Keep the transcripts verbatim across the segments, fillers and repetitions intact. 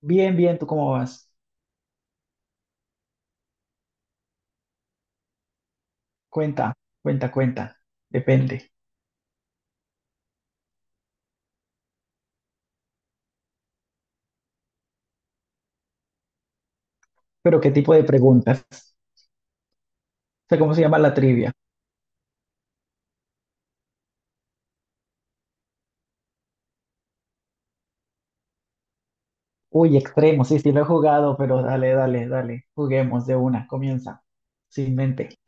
Bien, bien, ¿tú cómo vas? Cuenta, cuenta, cuenta. Depende. Pero ¿qué tipo de preguntas? O sea, ¿cómo se llama la trivia? Uy, extremo, sí, sí lo he jugado, pero dale, dale, dale. Juguemos de una, comienza. Sin mente.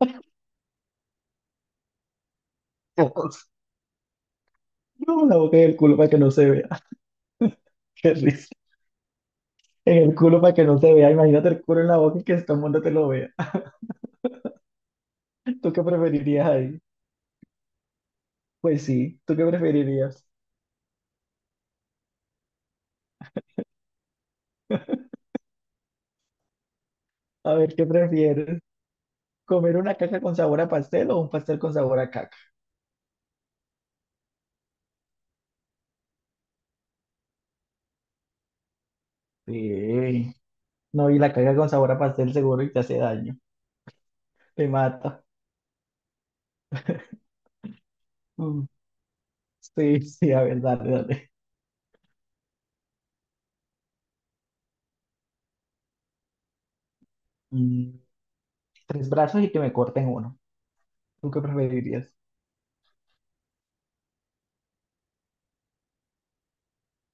Dios, no, la boca y el culo para que no se vea. Qué risa. En el culo para que no se vea. Imagínate el culo en la boca y que todo el mundo te lo vea. ¿Tú qué preferirías ahí? Pues sí, ¿tú qué preferirías? A ver, ¿qué prefieres? ¿Comer una caca con sabor a pastel o un pastel con sabor a caca? Sí. No, y la caga con sabor a pastel seguro y te hace daño. Te mata. Mm. Sí, sí, a ver, dale, dale. Mm. Tres brazos y que me corten uno. ¿Tú qué preferirías?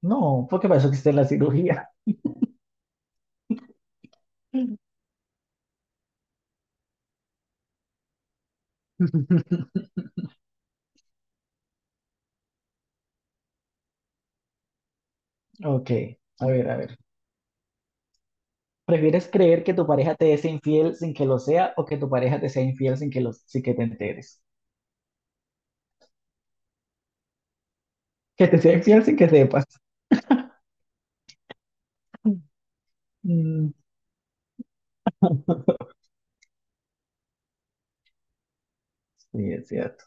No, porque para eso existe la cirugía. Ok, a ver, a ver. ¿Prefieres creer que tu pareja te es infiel sin que lo sea o que tu pareja te sea infiel sin que lo, sin que te enteres? Que te sea infiel sin que sepas. Mm. Sí, es cierto.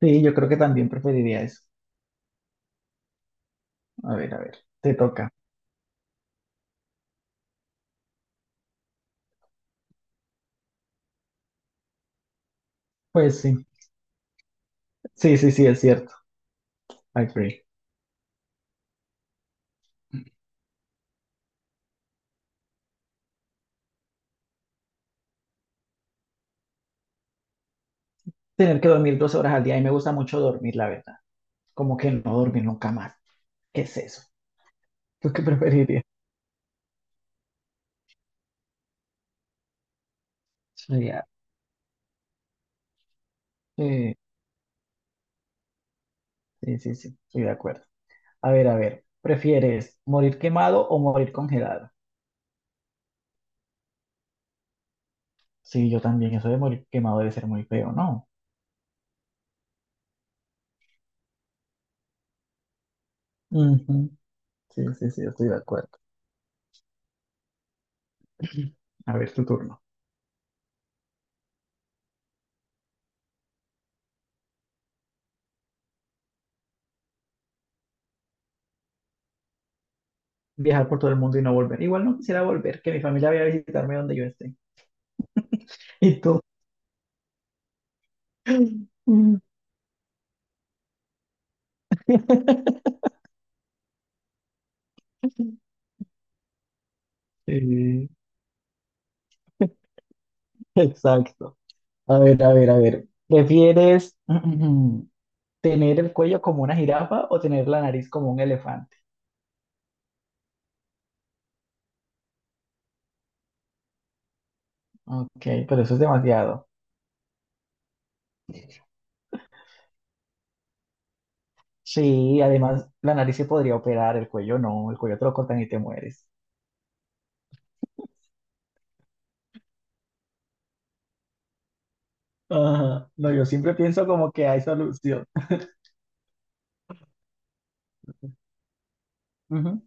Sí, yo creo que también preferiría eso. A ver, a ver, te toca. Pues sí, sí, sí, sí, es cierto. I agree. Tener que dormir doce horas al día y me gusta mucho dormir, la verdad. Como que no dormir nunca más. ¿Qué es eso? ¿Tú qué preferirías? Sí, sí, sí, sí, sí, estoy de acuerdo. A ver, a ver, ¿prefieres morir quemado o morir congelado? Sí, yo también, eso de morir quemado debe ser muy feo, ¿no? Ujú. Sí, sí, sí, yo estoy de acuerdo. A ver, tu turno. Viajar por todo el mundo y no volver. Igual no quisiera volver, que mi familia vaya a visitarme donde yo esté. ¿Y tú? Mm. Sí. Exacto. A ver, a ver, a ver. ¿Prefieres tener el cuello como una jirafa o tener la nariz como un elefante? Ok, pero eso es demasiado. Sí, además la nariz se podría operar, el cuello no, el cuello te lo cortan y te mueres. Ajá. No, yo siempre pienso como que hay solución. Ujú.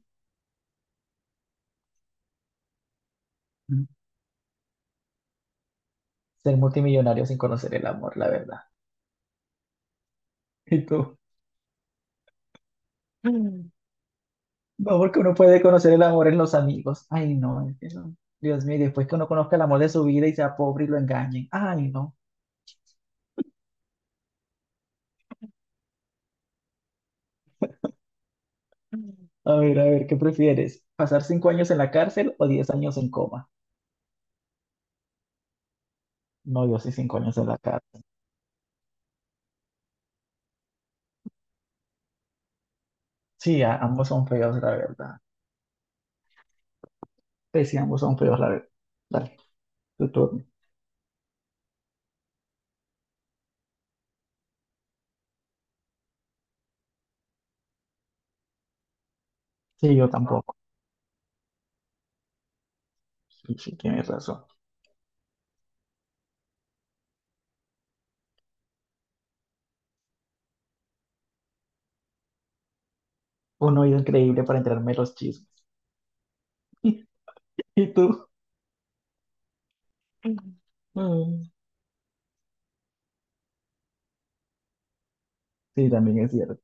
Ser multimillonario sin conocer el amor, la verdad. ¿Y tú? No, porque uno puede conocer el amor en los amigos. Ay, no, es que eso- Dios mío, y después que uno conozca el amor de su vida y sea pobre y lo engañen. Ay, no. A ver, a ver, ¿qué prefieres? ¿Pasar cinco años en la cárcel o diez años en coma? No, yo sí cinco años en la cárcel. Sí, a- ambos son feos, la verdad. Pues sí, ambos son feos, la verdad. Dale, tu turno. Sí, yo tampoco. Sí, sí, tienes razón. Un oído increíble para enterarme de los chismes. ¿Y tú? Mm. Sí, también es cierto.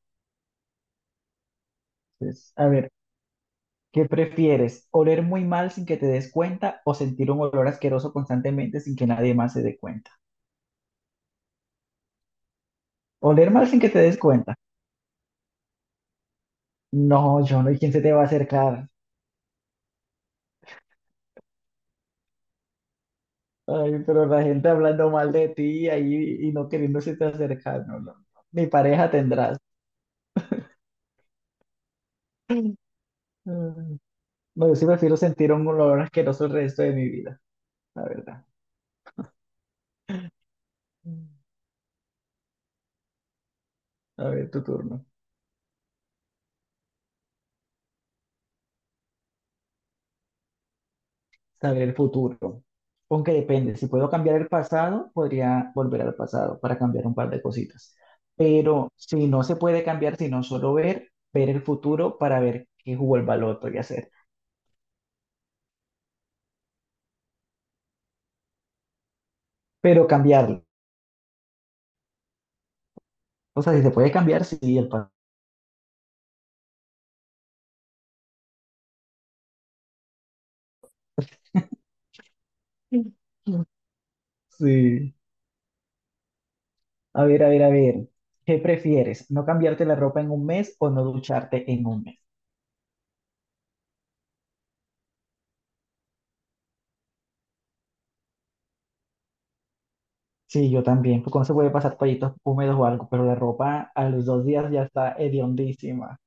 Pues, a ver, ¿qué prefieres? ¿Oler muy mal sin que te des cuenta o sentir un olor asqueroso constantemente sin que nadie más se dé cuenta? ¿Oler mal sin que te des cuenta? No, yo no, ¿y quién se te va a acercar? Ay, pero la gente hablando mal de ti ahí y no queriéndose te acercar, no, no, no. Ni pareja tendrás. Mm. No, yo sí prefiero sentir un olor asqueroso el resto de mi vida, la verdad. Mm. A ver, tu turno. Saber el futuro. Aunque depende, si puedo cambiar el pasado, podría volver al pasado para cambiar un par de cositas. Pero si no se puede cambiar, sino solo ver, ver el futuro para ver qué jugó el baloto y hacer. Pero cambiarlo. O sea, si se puede cambiar, sí, el pasado. Sí. A ver, a ver, a ver. ¿Qué prefieres? ¿No cambiarte la ropa en un mes o no ducharte en un mes? Sí, yo también. Porque no se puede pasar toallitos húmedos o algo? Pero la ropa a los dos días ya está hediondísima.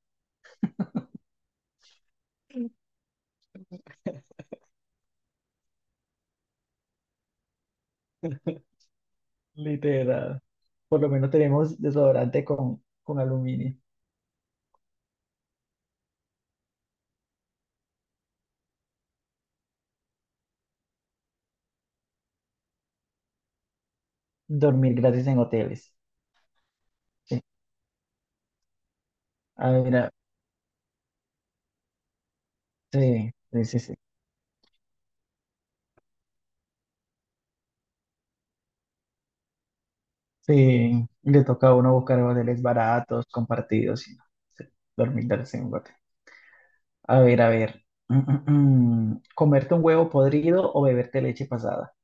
Literal. Por lo menos tenemos desodorante con, con aluminio. Dormir gratis en hoteles. Sí. A ver, sí, sí, sí, sí. Sí, le toca a uno buscar hoteles baratos, compartidos, y no, sí, dormir gratis en un hotel. A ver, a ver. Mm, mm, mm. ¿Comerte un huevo podrido o beberte leche pasada?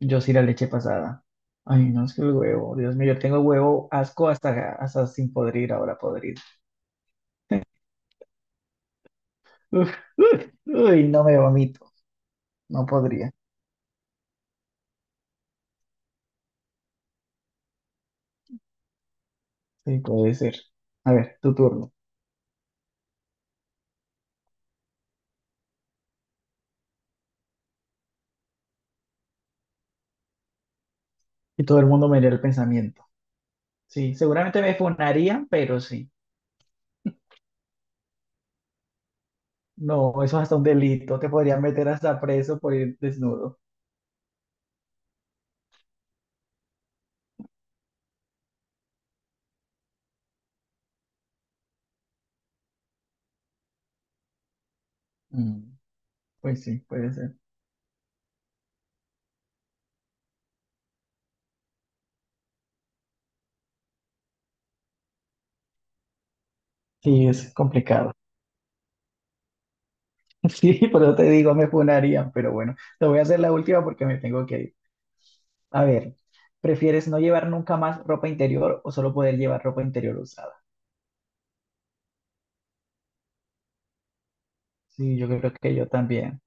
Yo sí la leche pasada. Ay, no, es que el huevo, Dios mío, yo tengo huevo asco hasta, hasta sin podrir, ahora podrido. Uf, uf, uy, no, me vomito, no podría. Sí, puede ser. A ver, tu turno. Y todo el mundo me lee el pensamiento. Sí, seguramente me funarían, pero sí. No, eso es hasta un delito. Te podrían meter hasta preso por ir desnudo. Mm, pues sí, puede ser. Sí, es complicado. Sí, por eso te digo, me funarían, pero bueno, te voy a hacer la última porque me tengo que ir. A ver, ¿prefieres no llevar nunca más ropa interior o solo poder llevar ropa interior usada? Sí, yo creo que yo también.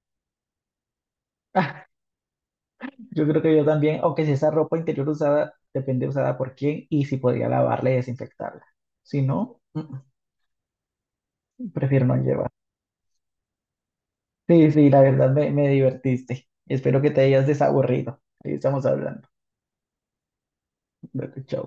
Yo creo que yo también, aunque si esa ropa interior usada, depende usada por quién y si podría lavarla y desinfectarla. Si no, mm, prefiero no llevar. Sí, sí, la verdad me, me, divertiste. Espero que te hayas desaburrido. Ahí estamos hablando. Dale, chao.